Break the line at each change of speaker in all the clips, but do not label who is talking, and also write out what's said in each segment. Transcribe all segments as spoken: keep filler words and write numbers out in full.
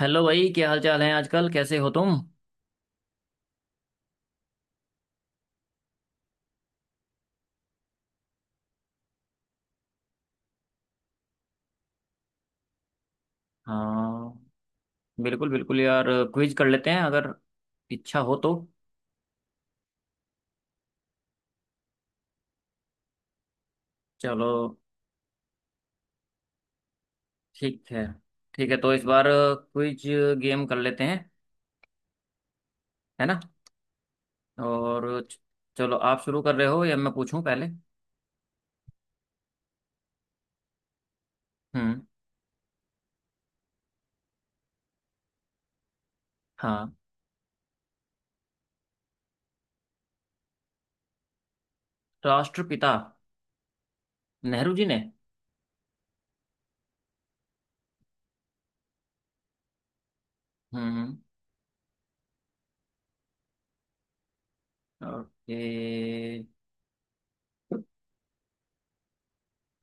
Hello भाई, क्या हाल चाल है आजकल, कैसे हो तुम? हाँ। बिल्कुल बिल्कुल यार। क्विज कर लेते हैं अगर इच्छा हो तो। चलो। ठीक है। ठीक है, तो इस बार क्विज गेम कर लेते हैं, है ना? और च- चलो, आप शुरू कर रहे हो या मैं पूछूं पहले? हम्म। हाँ। राष्ट्रपिता? नेहरू जी ने। हम्म। ओके।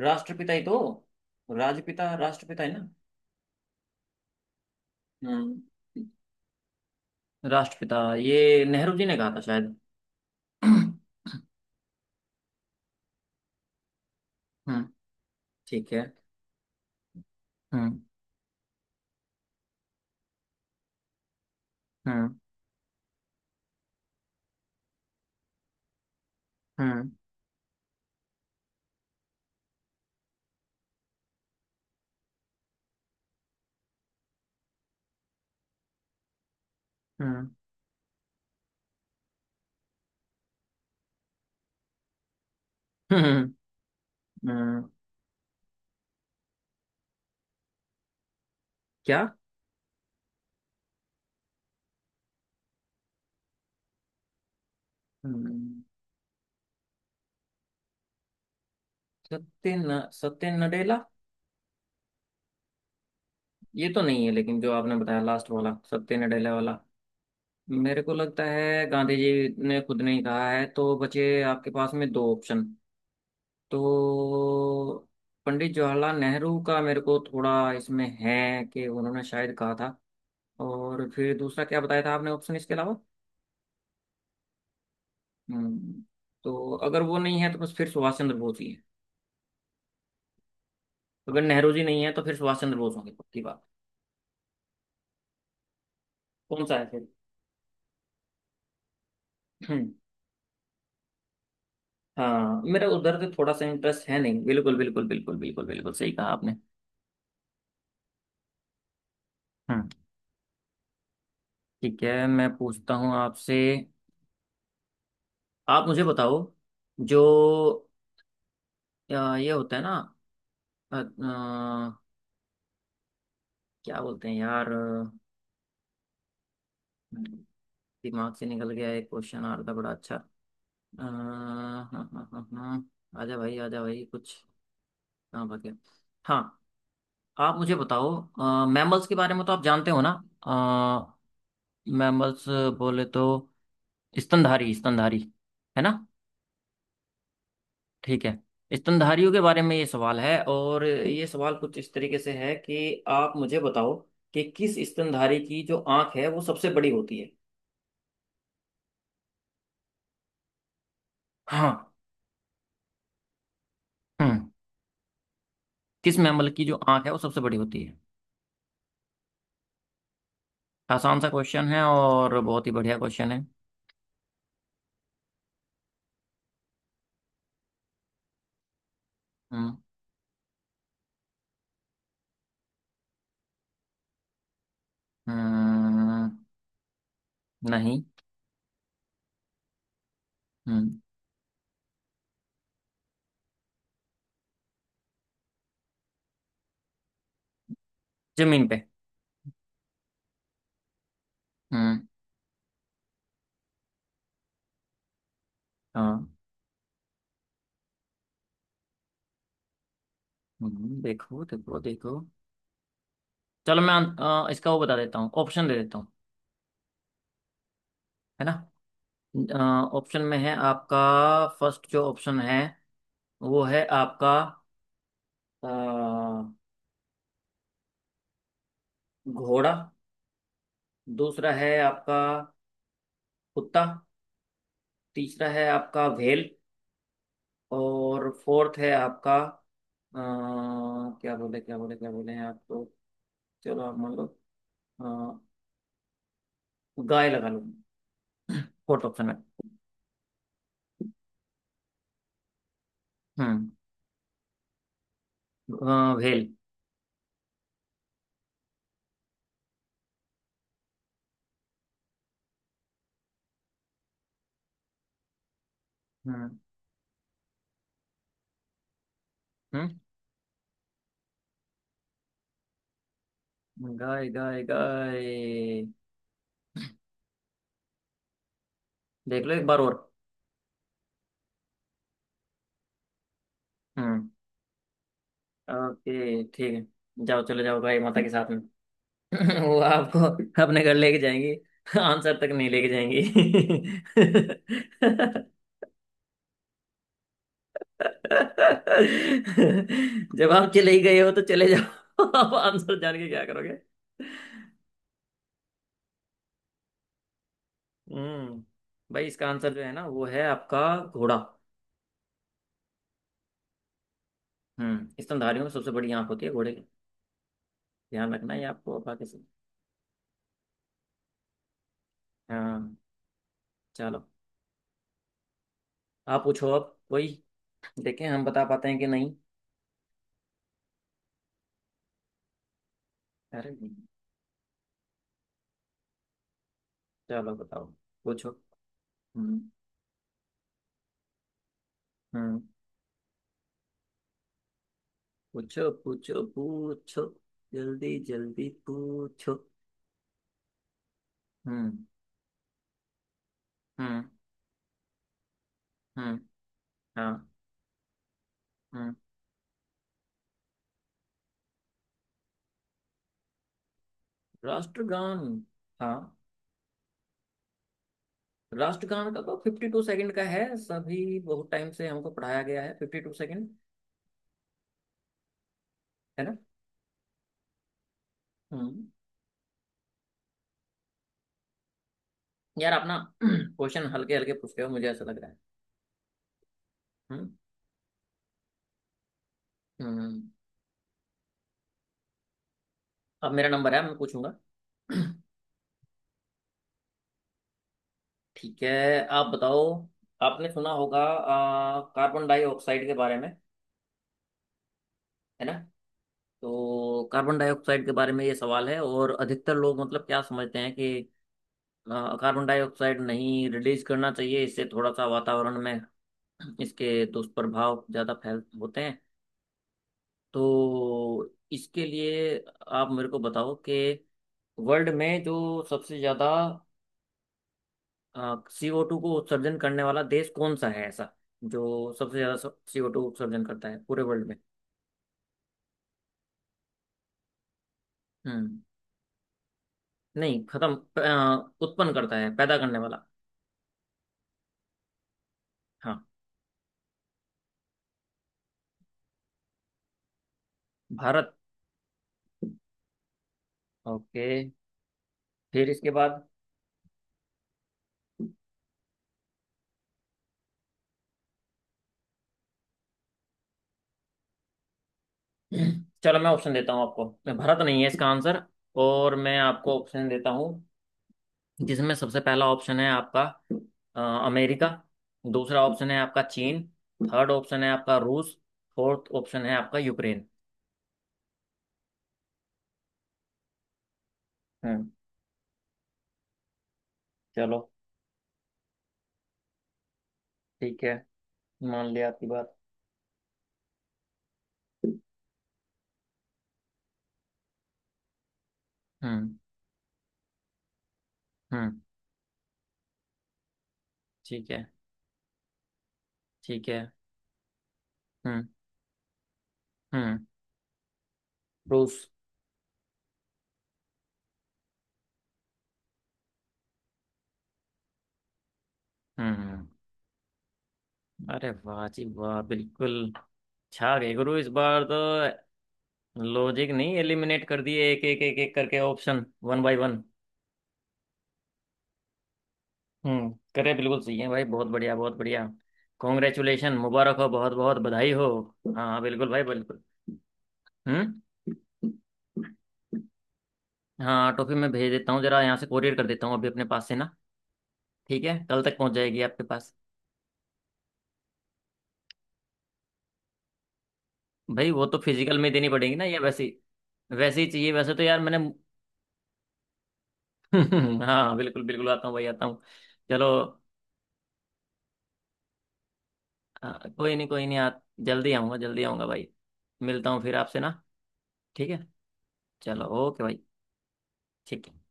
राष्ट्रपिता ही तो। राजपिता, राष्ट्रपिता, है ना? हम्म। राष्ट्रपिता ये नेहरू जी ने कहा था शायद। हम्म। ठीक है। हम्म। हम्म। हम्म। हम्म। हम्म। हम्म। क्या? हम्म। सत्य न सत्य नडेला? ये तो नहीं है, लेकिन जो आपने बताया लास्ट वाला सत्य नडेला वाला। मेरे को लगता है गांधी जी ने खुद नहीं कहा है, तो बचे आपके पास में दो ऑप्शन। तो पंडित जवाहरलाल नेहरू का मेरे को थोड़ा इसमें है कि उन्होंने शायद कहा था। और फिर दूसरा क्या बताया था आपने ऑप्शन इसके अलावा? हम्म। तो अगर वो नहीं है तो बस फिर सुभाष चंद्र बोस ही है। अगर नेहरू जी नहीं है तो फिर सुभाष चंद्र बोस होंगे, पक्की बात। कौन सा है फिर? हम्म। हाँ, मेरा उधर से थोड़ा सा इंटरेस्ट है नहीं। बिल्कुल बिल्कुल बिल्कुल बिल्कुल बिल्कुल सही कहा आपने। हम्म। ठीक है, मैं पूछता हूँ आपसे। आप मुझे बताओ। जो अ, ये होता है ना। अ, अ, क्या बोलते हैं यार? अ, दिमाग से निकल गया। एक क्वेश्चन आ रहा था बड़ा अच्छा। अ, हाँ। हाँ हाँ हाँ। आजा भाई आजा भाई कुछ। हाँ, बढ़ गया। हाँ। आप मुझे बताओ, मैमल्स के बारे में तो आप जानते हो ना? मैमल्स बोले तो स्तनधारी, स्तनधारी, है ना। ठीक है। स्तनधारियों के बारे में ये सवाल है, और ये सवाल कुछ इस तरीके से है कि आप मुझे बताओ कि किस स्तनधारी की जो आंख है वो सबसे बड़ी होती है। हाँ। हम्म। किस मैमल की जो आंख है वो सबसे बड़ी होती है? आसान सा क्वेश्चन है और बहुत ही बढ़िया क्वेश्चन है। हम्म। हम्म, नहीं। हम्म। जमीन पे। हाँ। हम्म, देखो देखो देखो। चलो, मैं अं, अ, इसका वो बता देता हूँ, ऑप्शन दे देता हूँ। है ना? ऑप्शन में है आपका। फर्स्ट जो ऑप्शन है वो है आपका अ, घोड़ा। दूसरा है आपका कुत्ता। तीसरा है आपका व्हेल। और फोर्थ है आपका अ, क्या बोले क्या बोले क्या बोले हैं आप तो। चलो आप मान लो अ, गाय लगा लो फोर्थ ऑप्शन में। हम्म। अ, व्हेल। हम्म। हम्म। गाय गाय गाय, देख लो एक बार और। हम्म। ओके, ठीक है, जाओ, चले जाओ गाय माता के साथ में। वो आपको अपने घर लेके जाएंगी। आंसर तक नहीं लेके जाएंगी। जब आप चले ही गए हो तो चले जाओ। आप आंसर जान के क्या करोगे? हम्म। भाई, इसका आंसर जो है ना वो है आपका घोड़ा। हम्म, स्तनधारियों में सबसे बड़ी आंख होती है घोड़े की। ध्यान रखना, ये आपको बाकी से। हाँ। चलो, आप पूछो अब कोई, देखें हम बता पाते हैं कि नहीं। अरे, चलो बताओ, पूछो। हम्म। हम्म, पूछो पूछो पूछो, जल्दी जल्दी पूछो। हम्म। हम्म। हम्म। हाँ। हम्म। राष्ट्रगान। हाँ। राष्ट्रगान का तो फिफ्टी टू सेकेंड का है, सभी बहुत टाइम से हमको पढ़ाया गया है, फिफ्टी टू सेकेंड। है ना? हम्म। यार आप ना क्वेश्चन हल्के हल्के पूछ रहे हो, मुझे ऐसा लग रहा है। हम्म। हम्म। अब मेरा नंबर है, मैं पूछूंगा। ठीक है, आप बताओ। आपने सुना होगा आ, कार्बन डाइऑक्साइड के बारे में? है ना? तो कार्बन डाइऑक्साइड के बारे में ये सवाल है, और अधिकतर लोग मतलब क्या समझते हैं कि आ, कार्बन डाइऑक्साइड नहीं रिलीज करना चाहिए, इससे थोड़ा सा वातावरण में इसके दुष्प्रभाव ज़्यादा फैल होते हैं। तो इसके लिए आप मेरे को बताओ कि वर्ल्ड में जो सबसे ज़्यादा सीओ टू को उत्सर्जन करने वाला देश कौन सा है, ऐसा जो सबसे ज्यादा सीओ टू उत्सर्जन करता है पूरे वर्ल्ड में? हम्म। नहीं, खत्म अ, उत्पन्न करता है, पैदा करने वाला। हाँ। भारत? ओके, फिर इसके बाद। चलो मैं ऑप्शन देता हूँ आपको। भारत नहीं है इसका आंसर। और मैं आपको ऑप्शन देता हूँ, जिसमें सबसे पहला ऑप्शन है आपका अ, अमेरिका। दूसरा ऑप्शन है आपका चीन। थर्ड ऑप्शन है आपका रूस। फोर्थ ऑप्शन है आपका यूक्रेन। हम्म। चलो ठीक है, मान लिया आपकी बात। हम्म। हम्म। ठीक है। ठीक है। हम्म। हम्म। रूस। हम्म। अरे वाह जी वाह, बिल्कुल। छा गए गुरु इस बार तो। लॉजिक नहीं, एलिमिनेट कर दिए एक एक एक एक करके ऑप्शन, वन बाय वन। हम्म। करे, बिल्कुल सही है भाई, बहुत बढ़िया बहुत बढ़िया। कॉन्ग्रेचुलेशन, मुबारक हो, बहुत बहुत बधाई हो। हाँ बिल्कुल भाई बिल्कुल। हम्म। हाँ, टॉफी मैं भेज देता हूँ, जरा यहाँ से कोरियर कर देता हूँ अभी अपने पास से ना। ठीक है, कल तक पहुँच जाएगी आपके पास। भाई, वो तो फिजिकल में देनी पड़ेगी ना, या वैसे वैसे ही चाहिए, वैसे तो यार मैंने हाँ बिल्कुल बिल्कुल आता हूँ भाई आता हूँ। चलो। हाँ, कोई नहीं कोई नहीं आ, जल्दी आऊँगा जल्दी आऊँगा भाई। मिलता हूँ फिर आपसे ना। ठीक है। चलो ओके भाई। ठीक है।